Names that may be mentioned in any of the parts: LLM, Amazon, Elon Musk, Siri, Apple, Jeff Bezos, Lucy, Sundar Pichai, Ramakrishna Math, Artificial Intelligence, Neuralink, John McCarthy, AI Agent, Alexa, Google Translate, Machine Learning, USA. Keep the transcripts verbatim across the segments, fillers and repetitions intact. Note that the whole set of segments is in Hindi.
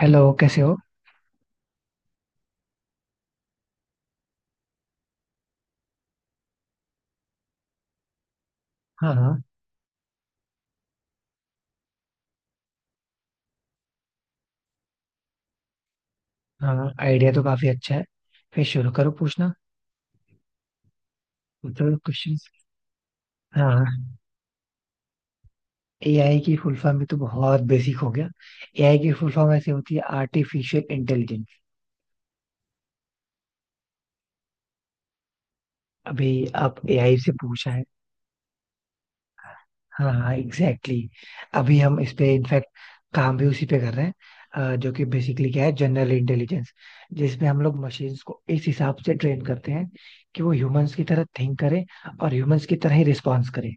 हेलो कैसे हो। हाँ हाँ। हाँ, आइडिया तो काफी अच्छा है। फिर शुरू करो पूछना। तो क्वेश्चन। हाँ, एआई की फुल फॉर्म भी तो बहुत बेसिक हो गया। एआई की फुल फॉर्म ऐसे होती है, आर्टिफिशियल इंटेलिजेंस। अभी आप एआई से पूछा है। हाँ हाँ, एग्जैक्टली exactly। अभी हम इस पे इनफैक्ट काम भी उसी पे कर रहे हैं, अ, जो कि बेसिकली क्या है, जनरल इंटेलिजेंस, जिसमें हम लोग मशीन्स को इस हिसाब से ट्रेन करते हैं कि वो ह्यूमंस की तरह थिंक करें और ह्यूमंस की तरह ही रिस्पॉन्स करें।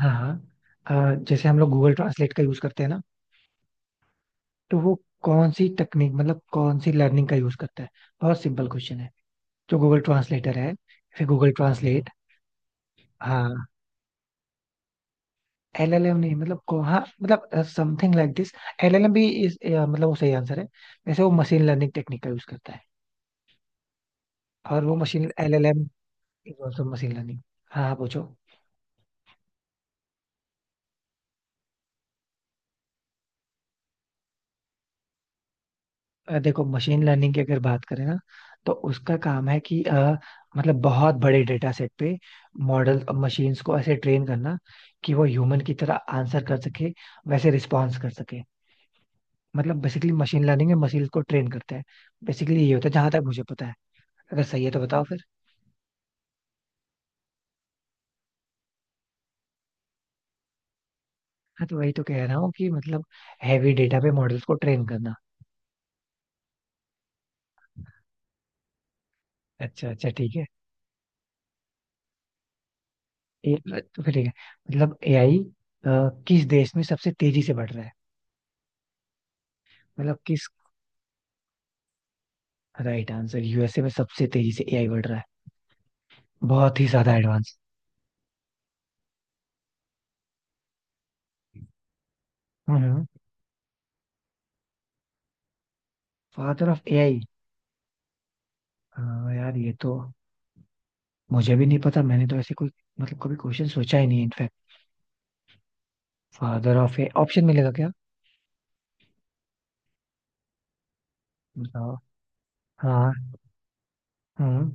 हाँ। हाँ, अ, जैसे हम लोग गूगल ट्रांसलेट का यूज करते हैं ना, तो वो कौन सी टेक्निक, मतलब कौन सी लर्निंग का यूज करता है। बहुत सिंपल क्वेश्चन है। जो गूगल ट्रांसलेटर है, फिर गूगल ट्रांसलेट। हाँ, एलएलएम नहीं मतलब को हाँ मतलब समथिंग लाइक दिस। एलएलएम भी इस अ, मतलब वो सही आंसर है। वैसे वो मशीन लर्निंग टेक्निक का यूज करता है, और वो machine LLM is also machine learning. हाँ हाँ, पूछो। अ, देखो, मशीन लर्निंग की अगर बात करें ना, तो उसका काम है कि अ, मतलब बहुत बड़े डेटा सेट पे मॉडल मशीन्स को ऐसे ट्रेन करना कि वो ह्यूमन की तरह आंसर कर सके, वैसे रिस्पॉन्स कर सके। मतलब बेसिकली मशीन लर्निंग में मशीन को ट्रेन करते हैं। बेसिकली ये होता है जहां तक मुझे पता है। अगर सही है तो बताओ फिर। हाँ तो वही तो कह रहा हूँ, कि मतलब हैवी डेटा पे मॉडल्स को ट्रेन करना। अच्छा अच्छा, ठीक है। ए, तो फिर ठीक है। मतलब एआई किस देश में सबसे तेजी से बढ़ रहा है। मतलब किस राइट आंसर यूएसए में सबसे तेजी से एआई बढ़ रहा है। बहुत ही ज्यादा advance. Hmm. Father of AI. यार ये तो मुझे भी नहीं पता। मैंने तो ऐसे कोई मतलब कभी क्वेश्चन सोचा ही नहीं, in fact. Father of A option मिलेगा क्या। बताओ। हाँ। हम्म।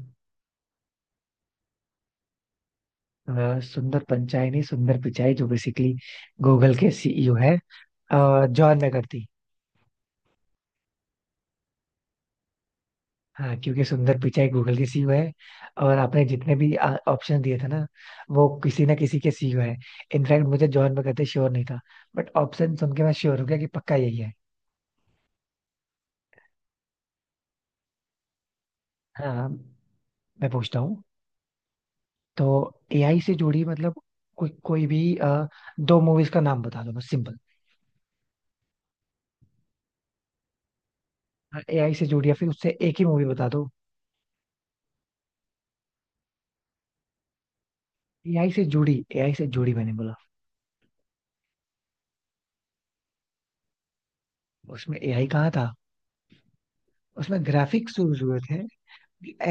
अ, सुंदर पिचाई नहीं, सुंदर पिचाई जो बेसिकली गूगल के सीईओ है। John McCarthy. हाँ, क्योंकि सुंदर पिचाई गूगल की सीईओ है। और आपने जितने भी ऑप्शन दिए थे ना, वो किसी ना किसी के सीईओ है। इनफैक्ट मुझे जॉन बगैर श्योर नहीं था, बट ऑप्शन सुन के मैं श्योर हो गया कि पक्का यही है। हाँ। मैं पूछता हूँ। तो एआई से जुड़ी मतलब कोई कोई भी अ, दो मूवीज का नाम बता दो, बस सिंपल। एआई से जुड़ी, या फिर उससे एक ही मूवी बता दो। एआई से जुड़ी, एआई से जुड़ी मैंने बोला। उसमें एआई कहाँ था। उसमें ग्राफिक्स यूज हुए थे।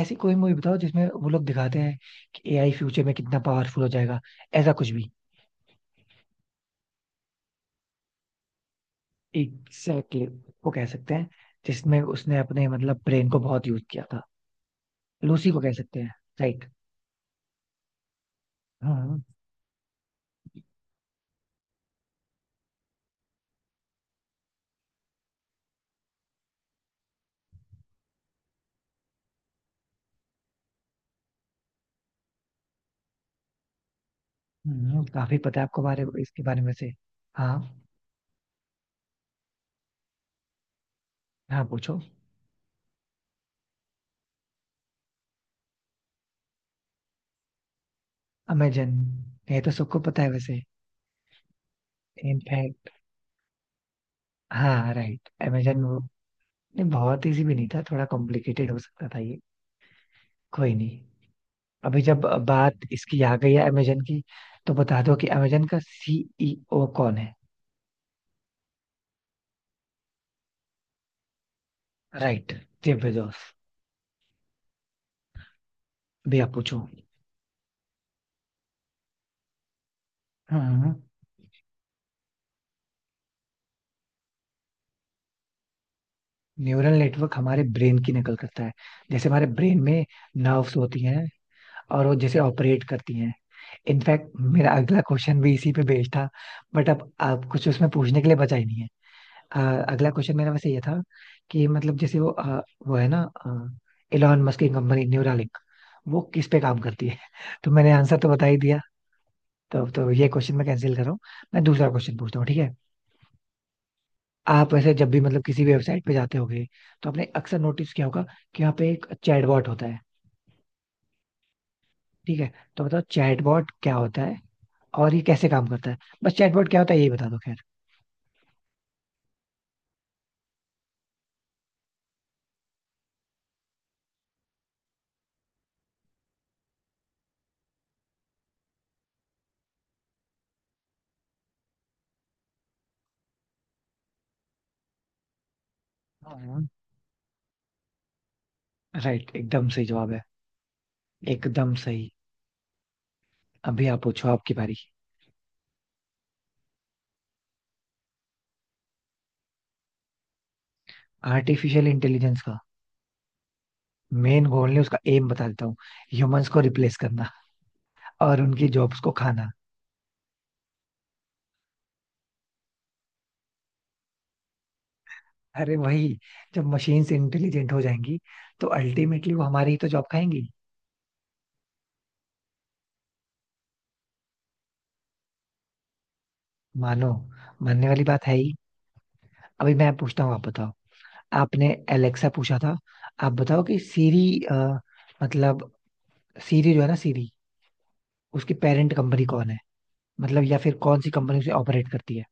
ऐसी कोई मूवी बताओ जिसमें वो लोग दिखाते हैं कि एआई फ्यूचर में कितना पावरफुल हो जाएगा, ऐसा कुछ भी। एग्जैक्टली। वो कह सकते हैं, जिसमें उसने अपने मतलब ब्रेन को बहुत यूज किया था। लूसी को कह सकते हैं। राइट। हाँ। हम्म, काफी पता है आपको बारे इसके बारे में से। हाँ हाँ, पूछो। अमेजन। ये तो सबको पता है वैसे। इनफैक्ट हाँ, राइट, अमेजन वो। नहीं बहुत इजी भी नहीं था, थोड़ा कॉम्प्लिकेटेड हो सकता था ये। कोई नहीं। अभी जब बात इसकी आ गई है अमेजन की, तो बता दो कि अमेजन का सीईओ कौन है। Right, Jeff Bezos. भैया पूछो। हाँ। न्यूरल नेटवर्क हमारे ब्रेन की नकल करता है। जैसे हमारे ब्रेन में नर्व्स होती हैं और वो जैसे ऑपरेट करती हैं। इनफैक्ट मेरा अगला क्वेश्चन भी इसी पे बेस्ड था, बट अब आप कुछ उसमें पूछने के लिए बचा ही नहीं है। अ, अगला क्वेश्चन मेरा वैसे ये था कि मतलब जैसे वो अ, वो है ना एलॉन मस्क की कंपनी न्यूरालिंक, वो किस पे काम करती है तो मैंने आंसर तो बता ही दिया। तो तो ये क्वेश्चन मैं कैंसिल कर रहा हूँ। मैं दूसरा क्वेश्चन पूछता हूँ, ठीक है। आप ऐसे जब भी मतलब किसी भी वेबसाइट पे जाते होगे, तो आपने अक्सर नोटिस किया होगा कि यहाँ पे एक चैटबॉट होता है। ठीक है। तो बताओ चैटबॉट क्या होता है और ये कैसे काम करता है। बस चैटबॉट क्या होता है यही बता दो खैर। राइट, एकदम सही जवाब है, एकदम सही। अभी आप पूछो, आपकी बारी। आर्टिफिशियल इंटेलिजेंस का मेन गोल नहीं, उसका एम बता देता हूँ। ह्यूमंस को रिप्लेस करना, और उनकी जॉब्स को खाना। अरे वही, जब मशीन्स इंटेलिजेंट हो जाएंगी तो अल्टीमेटली वो हमारी ही तो जॉब खाएंगी। मानो, मानने वाली बात है ही। अभी मैं पूछता हूँ, आप बताओ। आपने एलेक्सा पूछा था। आप बताओ कि सीरी मतलब सीरी जो है ना, सीरी उसकी पेरेंट कंपनी कौन है, मतलब या फिर कौन सी कंपनी उसे ऑपरेट करती है।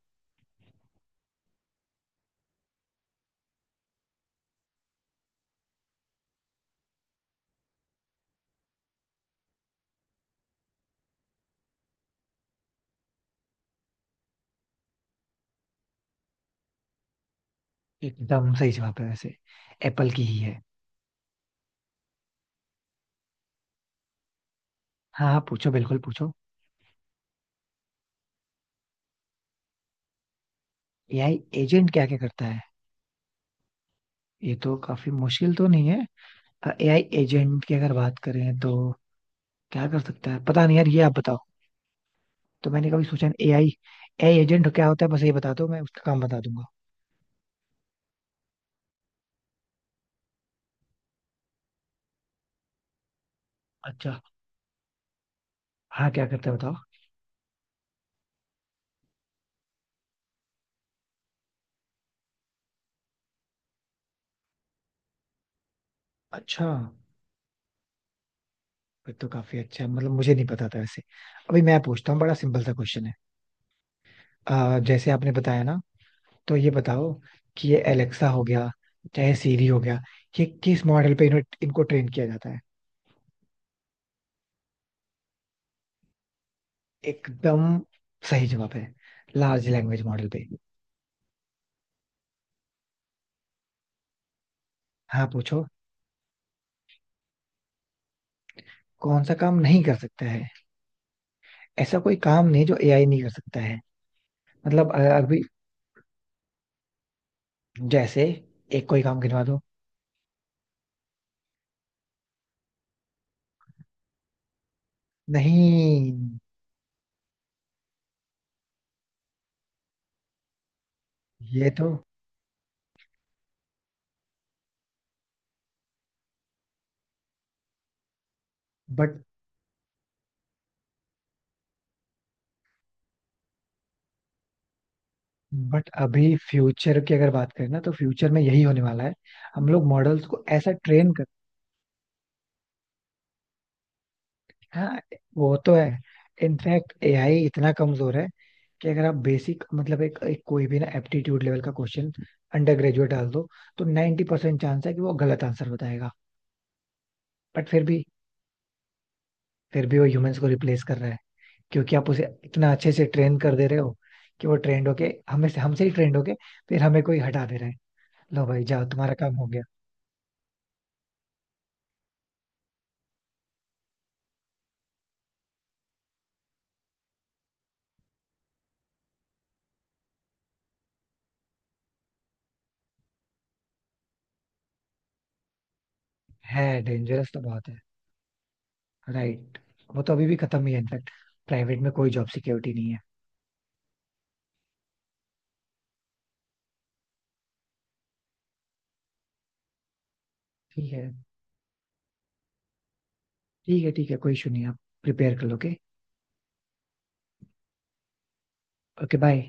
एकदम सही जवाब है वैसे। एप्पल की ही है। हाँ हाँ पूछो, बिल्कुल पूछो। एआई एजेंट क्या क्या करता है। ये तो काफी मुश्किल तो नहीं है। एआई एजेंट की अगर बात करें तो क्या कर सकता है पता नहीं यार, ये आप बताओ। तो मैंने कभी सोचा नहीं एआई। एआई एजेंट क्या होता है बस ये बता दो, मैं उसका काम बता दूंगा। अच्छा। हाँ क्या करता है बताओ। अच्छा, फिर तो काफी अच्छा है, मतलब मुझे नहीं पता था वैसे। अभी मैं पूछता हूँ, बड़ा सिंपल सा क्वेश्चन है। अ, जैसे आपने बताया ना, तो ये बताओ कि ये एलेक्सा हो गया, चाहे सीरी हो गया, ये किस मॉडल पे इन्हें- इनको ट्रेन किया जाता है। एकदम सही जवाब है, लार्ज लैंग्वेज मॉडल पे। हाँ पूछो। कौन सा काम नहीं कर सकता है। ऐसा कोई काम नहीं जो एआई नहीं कर सकता है। मतलब अ, अभी जैसे, एक कोई काम गिनवा दो। नहीं ये तो बट बट अभी फ्यूचर की अगर बात करें ना, तो फ्यूचर में यही होने वाला है। हम लोग मॉडल्स को ऐसा ट्रेन करते हैं। हाँ, वो तो है। इनफैक्ट एआई इतना कमजोर है कि अगर आप बेसिक मतलब एक, एक कोई भी ना एप्टीट्यूड लेवल का क्वेश्चन अंडर ग्रेजुएट डाल दो, तो 90% परसेंट चांस है कि वो गलत आंसर बताएगा। बट फिर भी, फिर भी वो ह्यूमंस को रिप्लेस कर रहा है, क्योंकि आप उसे इतना अच्छे से ट्रेन कर दे रहे हो कि वो ट्रेंड होके हमें से हमसे ही ट्रेंड होके फिर हमें कोई हटा दे रहा है। लो भाई जाओ तुम्हारा काम हो गया। है डेंजरस तो बहुत है। राइट। वो तो अभी भी खत्म ही है इनफैक्ट। प्राइवेट में कोई जॉब सिक्योरिटी नहीं है। ठीक है। ठीक है ठीक है, कोई इशू नहीं। आप प्रिपेयर कर लोगे ओके। Okay, bye.